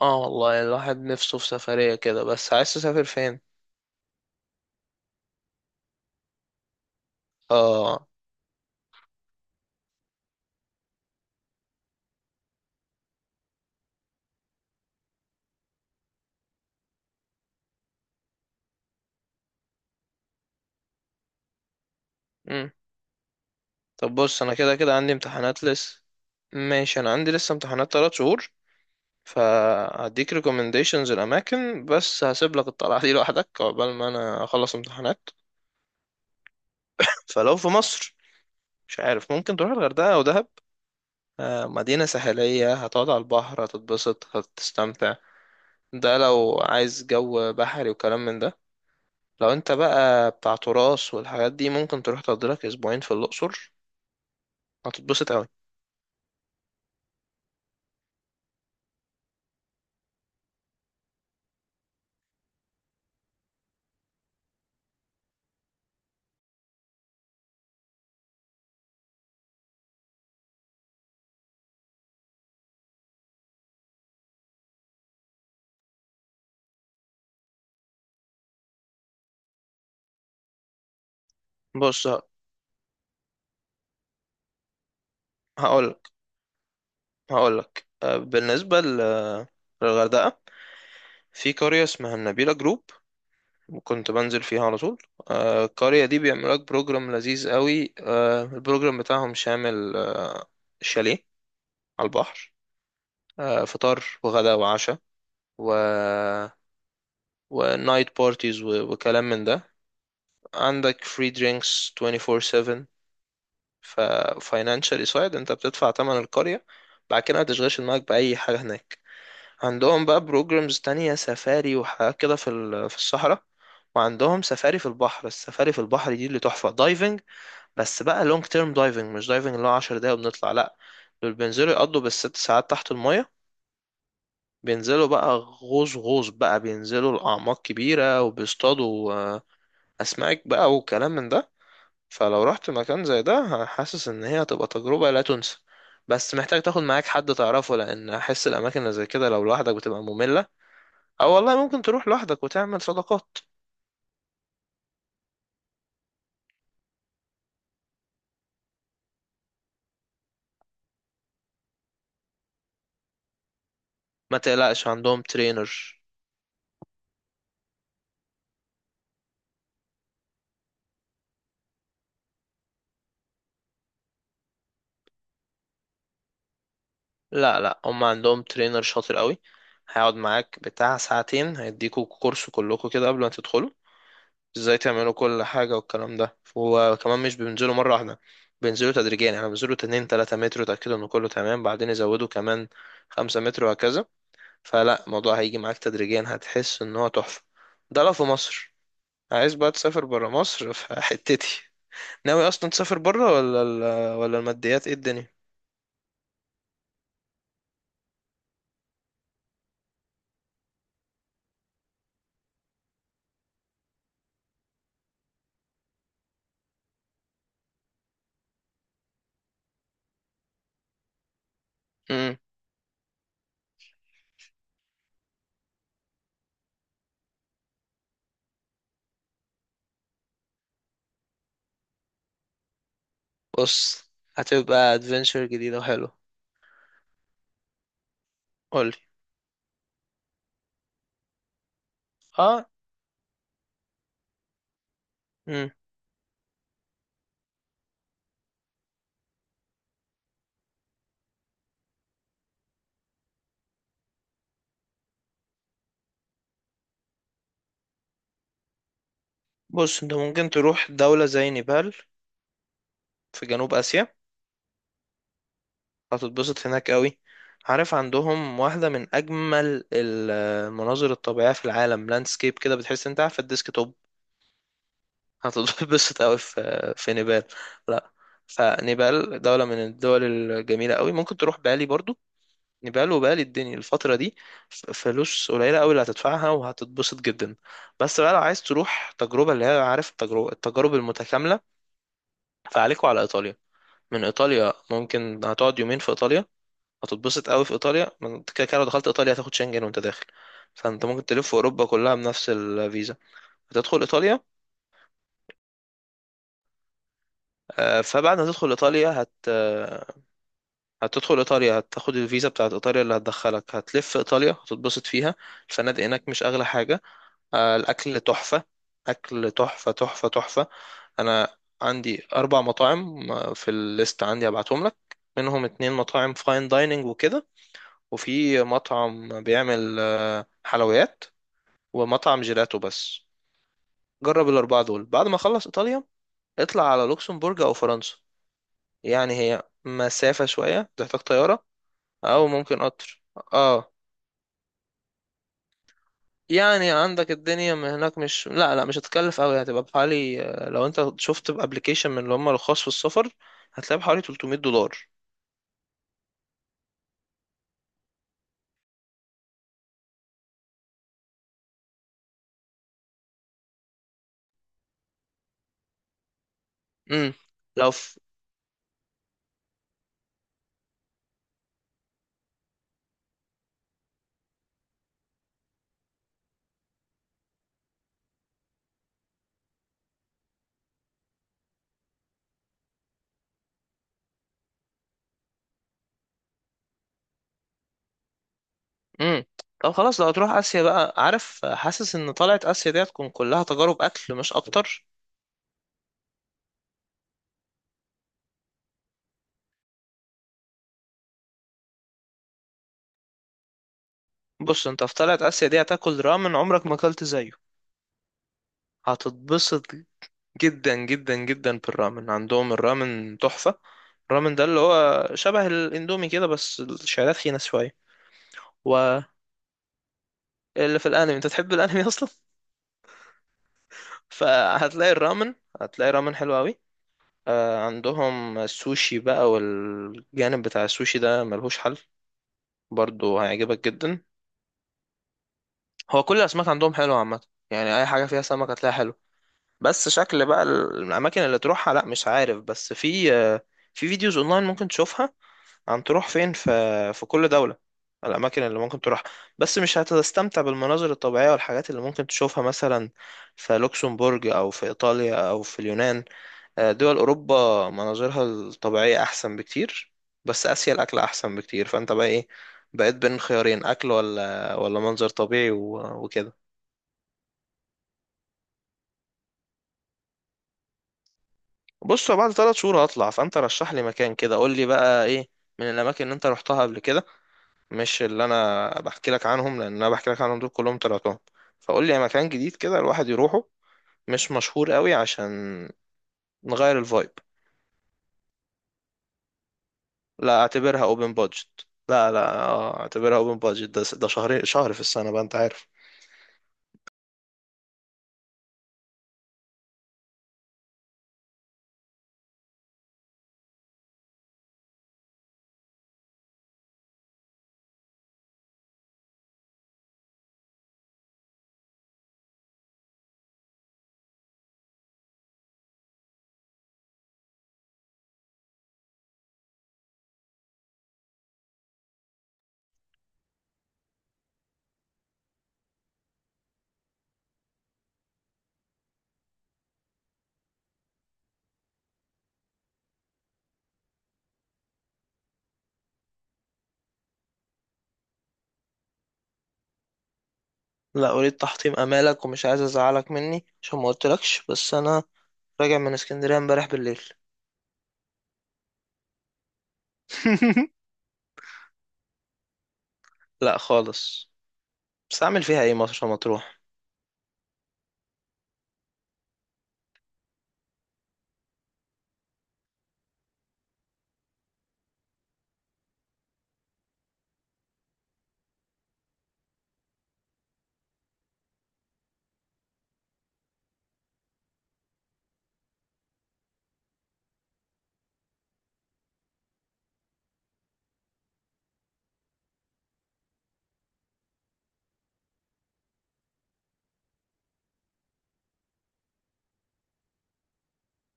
اه والله، الواحد نفسه في سفرية كده. بس عايز تسافر فين؟ اه. مم. طب بص، انا كده كده عندي امتحانات لسه. ماشي، انا عندي لسه امتحانات 3 شهور. فهديك recommendations الاماكن، بس هسيب لك الطلعة دي لوحدك عقبال ما انا اخلص امتحانات. فلو في مصر، مش عارف، ممكن تروح الغردقة او دهب. مدينة ساحلية، هتقعد على البحر، هتتبسط، هتستمتع. ده لو عايز جو بحري وكلام من ده. لو انت بقى بتاع تراث والحاجات دي، ممكن تروح تقضي لك اسبوعين في الاقصر، هتتبسط قوي. بص، هقول لك هقول لك بالنسبه للغردقه. في قريه اسمها النبيله جروب، كنت بنزل فيها على طول. القريه دي بيعمل لك بروجرام لذيذ قوي. البروجرام بتاعهم شامل. شاليه على البحر، فطار وغدا وعشاء، و ونايت بارتيز وكلام من ده. عندك فري درينكس 24/7. ففاينانشالي سايد، انت بتدفع تمن القرية، بعد كده ما تشغلش دماغك بأي حاجة هناك. عندهم بقى بروجرامز تانية، سفاري وحاجات كده، في الصحراء. وعندهم سفاري في البحر. السفاري في البحر دي اللي تحفة، دايفنج. بس بقى لونج تيرم دايفنج، مش دايفنج اللي هو 10 دقايق وبنطلع، لا. دول بينزلوا يقضوا بالست ساعات تحت المية. بينزلوا بقى غوص غوص، بقى بينزلوا لأعماق كبيرة وبيصطادوا أسماك بقى وكلام من ده. فلو رحت مكان زي ده، حاسس ان هي هتبقى تجربة لا تنسى. بس محتاج تاخد معاك حد تعرفه، لان احس الاماكن اللي زي كده لو لوحدك بتبقى مملة. او والله ممكن تروح لوحدك وتعمل صداقات. ما تقلقش، عندهم ترينر. لا، لا، هم عندهم ترينر شاطر قوي. هيقعد معاك بتاع ساعتين، هيديكوا كورس كلكوا كده قبل ما تدخلوا، ازاي تعملوا كل حاجة والكلام ده. وكمان مش بينزلوا مرة واحدة، بينزلوا تدريجيا. يعني بينزلوا 2 3 متر، يتأكدوا ان كله تمام، بعدين يزودوا كمان 5 متر، وهكذا. فلا، الموضوع هيجي معاك تدريجيا، هتحس ان هو تحفة. ده لو في مصر. عايز بقى تسافر برا مصر؟ فحتتي، ناوي اصلا تسافر برا، ولا الماديات ايه الدنيا؟ امم. بص، هتبقى ادفنتشر جديدة وحلو. قولي. اه. امم. بص، انت ممكن تروح دولة زي نيبال، في جنوب اسيا. هتتبسط هناك قوي. عارف، عندهم واحدة من أجمل المناظر الطبيعية في العالم، لاندسكيب كده بتحس انت قاعد في الديسك. هتتبسط قوي في نيبال. لا. فنيبال دولة من الدول الجميلة قوي. ممكن تروح بالي برضو. نيبال وبالي، الدنيا الفترة دي، فلوس قليلة قوي اللي هتدفعها وهتتبسط جدا. بس بقى لو عايز تروح تجربة اللي هي عارف، التجارب المتكاملة، فعليكوا على إيطاليا. من إيطاليا ممكن هتقعد يومين في إيطاليا، هتتبسط قوي في إيطاليا. من كده كده لو دخلت إيطاليا هتاخد شنجن وأنت داخل، فأنت ممكن تلف في أوروبا كلها بنفس الفيزا. هتدخل إيطاليا. فبعد ما تدخل إيطاليا هتدخل ايطاليا، هتاخد الفيزا بتاعت ايطاليا اللي هتدخلك، هتلف ايطاليا، هتتبسط فيها. الفنادق هناك مش اغلى حاجه. الاكل تحفه. اكل تحفه تحفه تحفه. انا عندي 4 مطاعم في الليست عندي، هبعتهم لك. منهم اتنين مطاعم فاين دايننج وكده، وفي مطعم بيعمل حلويات، ومطعم جيلاتو بس. جرب الاربعه دول. بعد ما اخلص ايطاليا، اطلع على لوكسمبورج او فرنسا. يعني هي مسافه شويه، تحتاج طياره. او ممكن قطر. اه. يعني عندك الدنيا من هناك. مش، لا لا، مش هتكلف قوي، هتبقى بحوالي، لو انت شفت بابليكيشن من اللي هم الخاص في السفر، هتلاقي بحوالي $300. امم. لو في. امم. طب خلاص، لو هتروح اسيا بقى، عارف، حاسس ان طلعت اسيا دي هتكون كلها تجارب اكل، مش اكتر. بص، انت في طلعت اسيا دي هتاكل رامن عمرك ما اكلت زيه. هتتبسط جدا جدا جدا بالرامن. عندهم الرامن تحفة. الرامن ده اللي هو شبه الاندومي كده، بس الشعرات خينة شوية. اللي في الانمي، انت تحب الانمي اصلا؟ فهتلاقي الرامن. هتلاقي رامن حلو قوي. عندهم السوشي بقى، والجانب بتاع السوشي ده ملهوش حل. برضو هيعجبك جدا. هو كل الاسماك عندهم حلوه عامه، يعني اي حاجه فيها سمك هتلاقيها حلو. بس شكل بقى الاماكن اللي تروحها، لا مش عارف، بس في في فيديوز اونلاين ممكن تشوفها، عن تروح فين في كل دولة، الأماكن اللي ممكن تروح. بس مش هتستمتع بالمناظر الطبيعية والحاجات اللي ممكن تشوفها مثلا في لوكسمبورج أو في إيطاليا أو في اليونان. دول أوروبا، مناظرها الطبيعية أحسن بكتير. بس آسيا الأكل أحسن بكتير. فأنت بقى إيه، بقيت بين خيارين، أكل ولا منظر طبيعي وكده؟ بص، هو بعد 3 شهور هطلع. فأنت رشح لي مكان كده، قول لي بقى إيه، من الأماكن اللي أنت روحتها قبل كده. مش اللي انا بحكي لك عنهم، لان انا بحكي لك عنهم دول كلهم طلعتهم. فقول لي يعني مكان جديد كده الواحد يروحه، مش مشهور قوي، عشان نغير الفايب. لا، اعتبرها اوبن بادجت. لا لا، اعتبرها اوبن بادجت. ده شهر شهر في السنة بقى، انت عارف. لا اريد تحطيم امالك، ومش عايز ازعلك مني عشان ما قلتلكش، بس انا راجع من اسكندرية امبارح بالليل. لا خالص. بس اعمل فيها ايه مرسى مطروح؟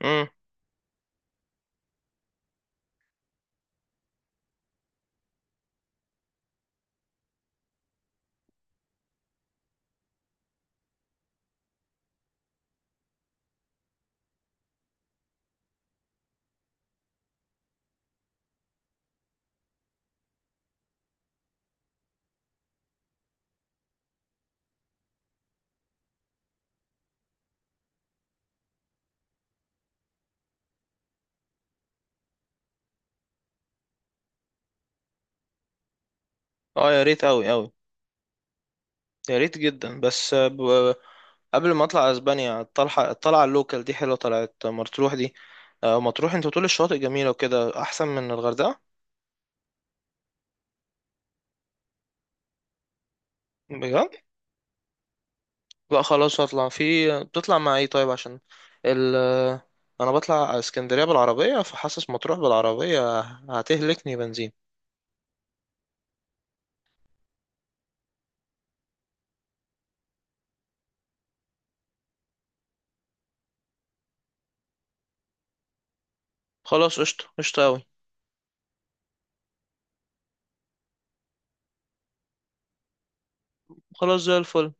امم. اه، يا ريت قوي قوي. يا ريت جدا. بس قبل ما اطلع اسبانيا، الطلعه اللوكال دي حلوه، طلعت مطروح دي. مطروح انت بتقول الشواطئ جميله وكده، احسن من الغردقه؟ بجد؟ لا خلاص هطلع في. بتطلع مع ايه طيب؟ عشان ال انا بطلع اسكندريه بالعربيه، فحاسس مطروح بالعربيه هتهلكني بنزين. خلاص، قشطه قشطه قوي. خلاص، زي الفل.